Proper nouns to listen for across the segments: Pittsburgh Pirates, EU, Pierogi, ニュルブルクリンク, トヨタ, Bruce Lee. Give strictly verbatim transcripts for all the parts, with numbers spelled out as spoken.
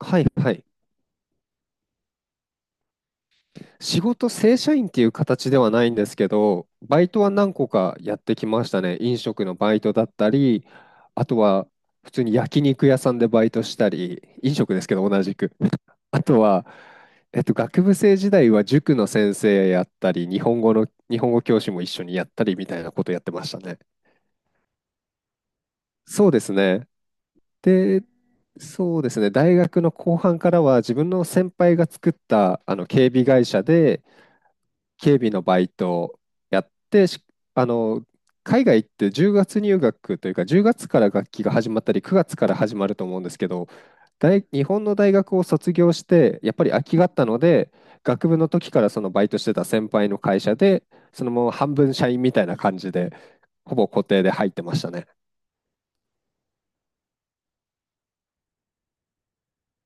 はいはい。仕事正社員っていう形ではないんですけど、バイトは何個かやってきましたね。飲食のバイトだったり、あとは普通に焼肉屋さんでバイトしたり、飲食ですけど同じく。あとは、えっと、学部生時代は塾の先生やったり、日本語の、日本語教師も一緒にやったりみたいなことやってましたね。そうですね。で、そうですね。大学の後半からは自分の先輩が作ったあの警備会社で、警備のバイトをやってしあの海外ってじゅうがつ入学というか、じゅうがつから学期が始まったりくがつから始まると思うんですけど、大日本の大学を卒業してやっぱり空きがあったので、学部の時からそのバイトしてた先輩の会社でそのまま半分社員みたいな感じでほぼ固定で入ってましたね。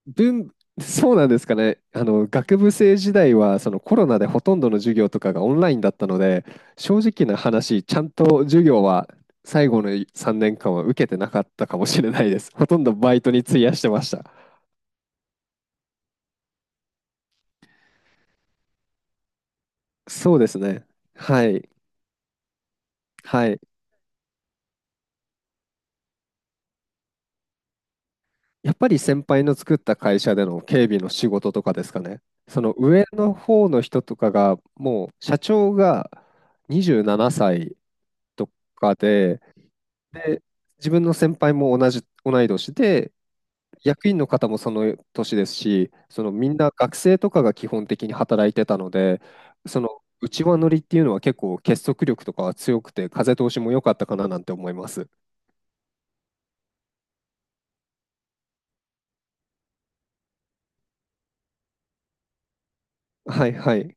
文、そうなんですかね。あの、学部生時代は、そのコロナでほとんどの授業とかがオンラインだったので、正直な話、ちゃんと授業は最後のさんねんかんは受けてなかったかもしれないです。ほとんどバイトに費やしてました。そうですね。はい。はい。やっぱり先輩の作った会社での警備の仕事とかですかね。その上の方の人とかが、もう社長がにじゅうななさいとかで、で自分の先輩も同じ、同い年で、役員の方もその年ですし、そのみんな学生とかが基本的に働いてたので、その内輪乗りっていうのは結構結束力とかは強くて、風通しも良かったかななんて思います。はいはい。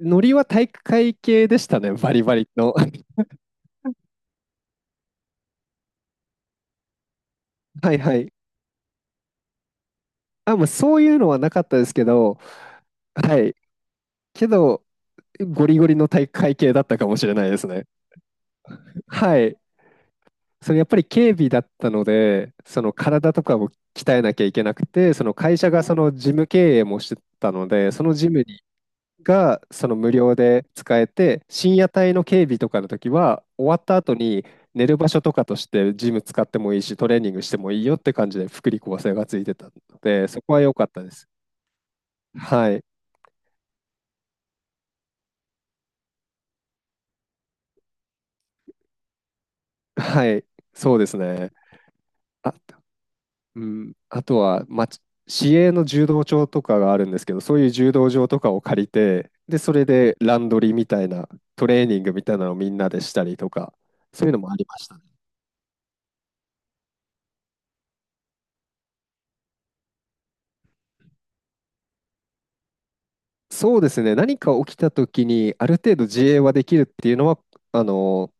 ノリは体育会系でしたね、バリバリの。はいはい。あ、もうそういうのはなかったですけど、はい。けど、ゴリゴリの体育会系だったかもしれないですね。はい。それやっぱり警備だったので、その体とかを鍛えなきゃいけなくて、その会社がその事務経営もしてたので、そのジムにがその無料で使えて、深夜帯の警備とかの時は、終わった後に寝る場所とかとしてジム使ってもいいし、トレーニングしてもいいよって感じで福利厚生がついてたので、そこは良かったです。はい。はい。そうですね。うん、あとは、まあ、市営の柔道場とかがあるんですけど、そういう柔道場とかを借りて、で、それでランドリーみたいな、トレーニングみたいなのをみんなでしたりとか、そういうのもありましたね。そうですね、何か起きた時に、ある程度自衛はできるっていうのは、あの、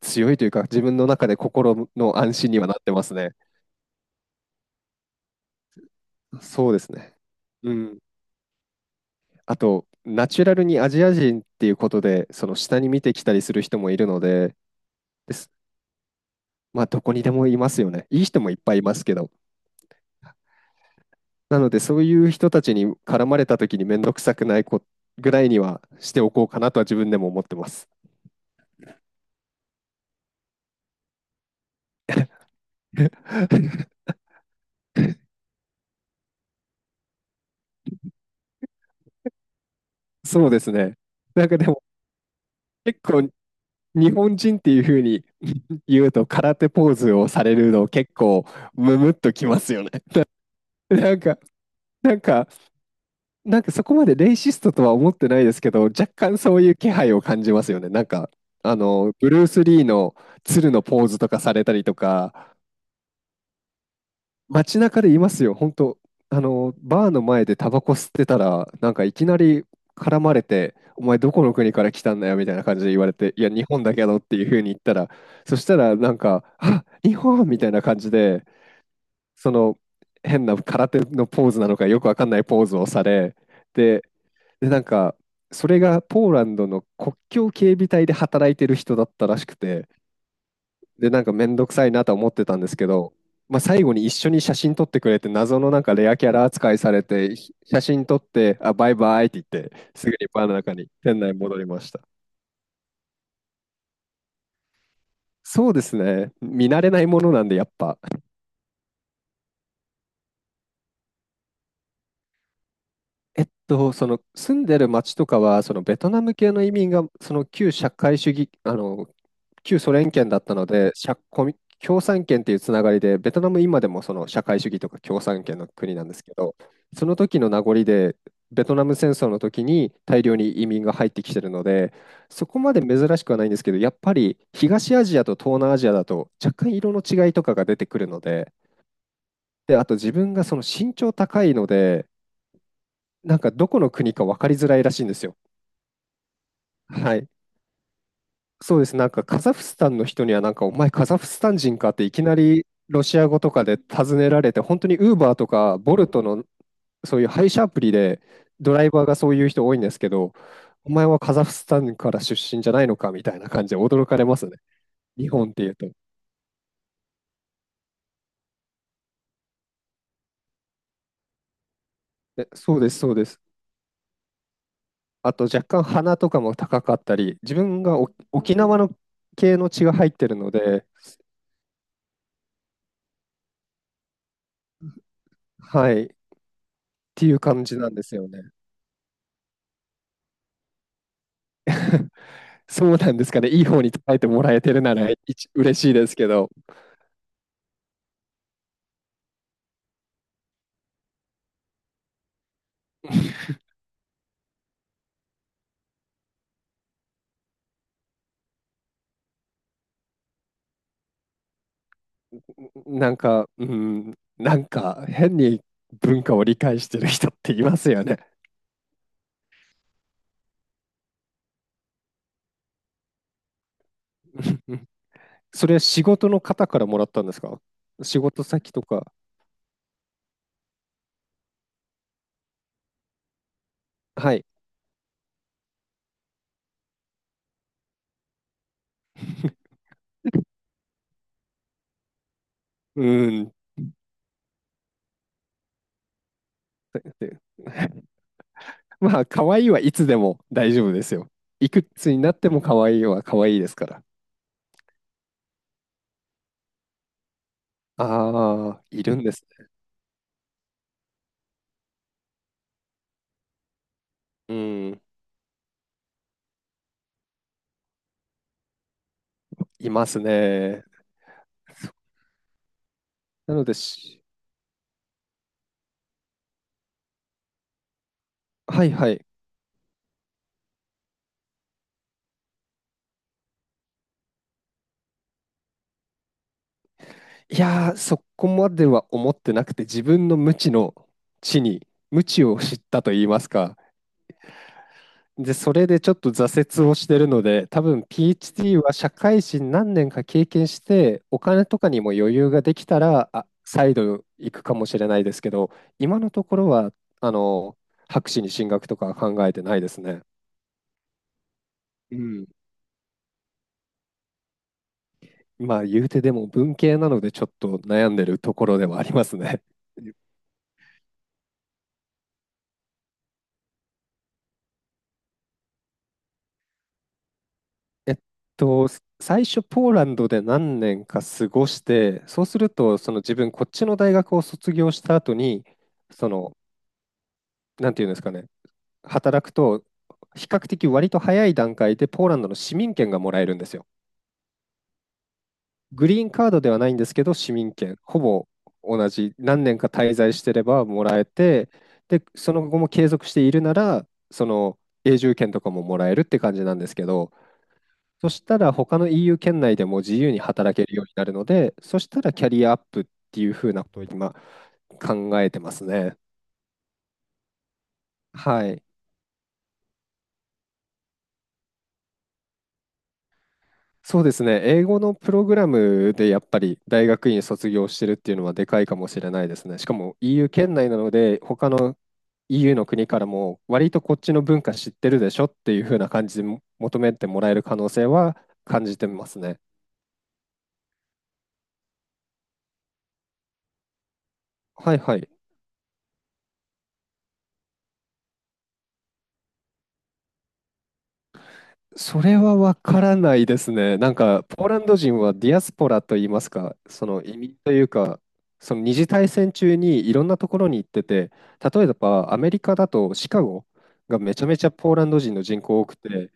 強いというか、自分の中で心の安心にはなってますね。そうですね。うん。あと、ナチュラルにアジア人っていうことで、その下に見てきたりする人もいるので、でまあ、どこにでもいますよね。いい人もいっぱいいますけど。なので、そういう人たちに絡まれた時に面倒くさくないこぐらいにはしておこうかなとは自分でも思ってます。そうですね。なんかでも、結構、日本人っていうふうに言うと空手ポーズをされるの結構ムムっときますよね。なんか、なんか、なんかそこまでレイシストとは思ってないですけど、若干そういう気配を感じますよね。なんか、あの、ブルース・リーの鶴のポーズとかされたりとか、街中でいますよ、本当、あの、バーの前でタバコ吸ってたら、なんかいきなり絡まれて、お前どこの国から来たんだよみたいな感じで言われて、いや、日本だけどっていうふうに言ったら、そしたら、なんか、あ、日本みたいな感じで、その変な空手のポーズなのか、よくわかんないポーズをされ、で、で、なんか、それがポーランドの国境警備隊で働いてる人だったらしくて、で、なんかめんどくさいなとは思ってたんですけど、まあ、最後に一緒に写真撮ってくれて、謎のなんかレアキャラ扱いされて、ひ写真撮って、あ、バイバイって言って、すぐにバーの中に店内に戻りました。そうですね。見慣れないものなんで、やっぱ。えっと、その住んでる町とかは、そのベトナム系の移民が、その旧社会主義、あの、旧ソ連圏だったので、社コミ共産圏っていうつながりで、ベトナム今でもその社会主義とか共産圏の国なんですけど、その時の名残で、ベトナム戦争の時に大量に移民が入ってきてるので、そこまで珍しくはないんですけど、やっぱり東アジアと東南アジアだと若干色の違いとかが出てくるので、で、あと自分がその身長高いので、なんかどこの国か分かりづらいらしいんですよ。はい。そうです。なんかカザフスタンの人にはなんかお前カザフスタン人かっていきなりロシア語とかで尋ねられて、本当にウーバーとかボルトのそういう配車アプリでドライバーがそういう人多いんですけど、お前はカザフスタンから出身じゃないのかみたいな感じで驚かれますね。日本っていうと。えそうです、そうです。あと若干鼻とかも高かったり、自分がお沖縄の系の血が入ってるので、はいっていう感じなんですよね。そうなんですかね。いい方に捉えてもらえてるなら一嬉しいですけど、なんか、うん、なんか変に文化を理解してる人っていますよね。それは仕事の方からもらったんですか？仕事先とか。はい。うーんって。まあ、可愛いはいつでも大丈夫ですよ。いくつになっても可愛いは可愛いですから。ああ、いるんですね。うん、いますね。なのでし、はいはい。いやー、そこまでは思ってなくて、自分の無知の知に、無知を知ったと言いますか。で、それでちょっと挫折をしてるので、多分 PhD は社会人何年か経験して、お金とかにも余裕ができたら、あ、再度行くかもしれないですけど、今のところは、あの、博士に進学とかは考えてないですね。うん。まあ、言うてでも文系なので、ちょっと悩んでるところではありますね。えっと、す最初ポーランドで何年か過ごして、そうすると、その自分、こっちの大学を卒業した後に、その、なんていうんですかね、働くと、比較的割と早い段階でポーランドの市民権がもらえるんですよ。グリーンカードではないんですけど、市民権、ほぼ同じ、何年か滞在してればもらえて、で、その後も継続しているなら、その永住権とかももらえるって感じなんですけど、そしたら他の イーユー 圏内でも自由に働けるようになるので、そしたらキャリアアップっていうふうなことを今考えてますね。はい。そうですね。英語のプログラムでやっぱり大学院卒業してるっていうのはでかいかもしれないですね。しかも イーユー 圏内なので、他の イーユー の国からも割とこっちの文化知ってるでしょっていうふうな感じで求めてもらえる可能性は感じてますね。はいはい。それはわからないですね。なんか、ポーランド人はディアスポラといいますか、その移民というか、その二次大戦中にいろんなところに行ってて、例えばアメリカだとシカゴがめちゃめちゃポーランド人の人口多くて、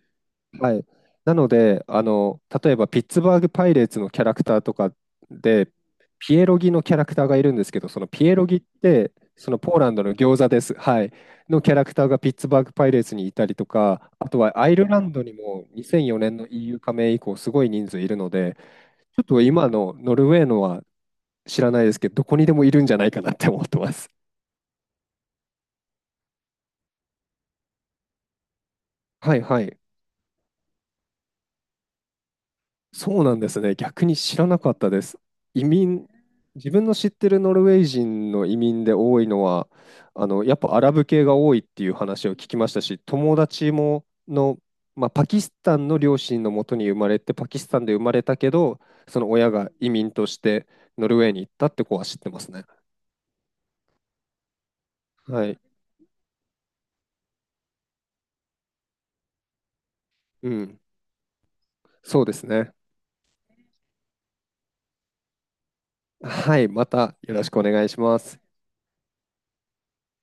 はい。なので、あの、例えばピッツバーグ・パイレーツのキャラクターとかで、ピエロギのキャラクターがいるんですけど、そのピエロギって、そのポーランドの餃子です。はい。のキャラクターがピッツバーグ・パイレーツにいたりとか、あとはアイルランドにもにせんよねんの イーユー 加盟以降、すごい人数いるので、ちょっと今のノルウェーのは知らないですけど、どこにでもいるんじゃないかなって思ってます。はいはい。そうなんですね。逆に知らなかったです。移民、自分の知ってるノルウェー人の移民で多いのは、あの、やっぱアラブ系が多いっていう話を聞きましたし、友達もの、まあ、パキスタンの両親のもとに生まれて、パキスタンで生まれたけど、その親が移民としてノルウェーに行ったって子は知ってますね。はい。うん。そうですね。はい。またよろしくお願いします。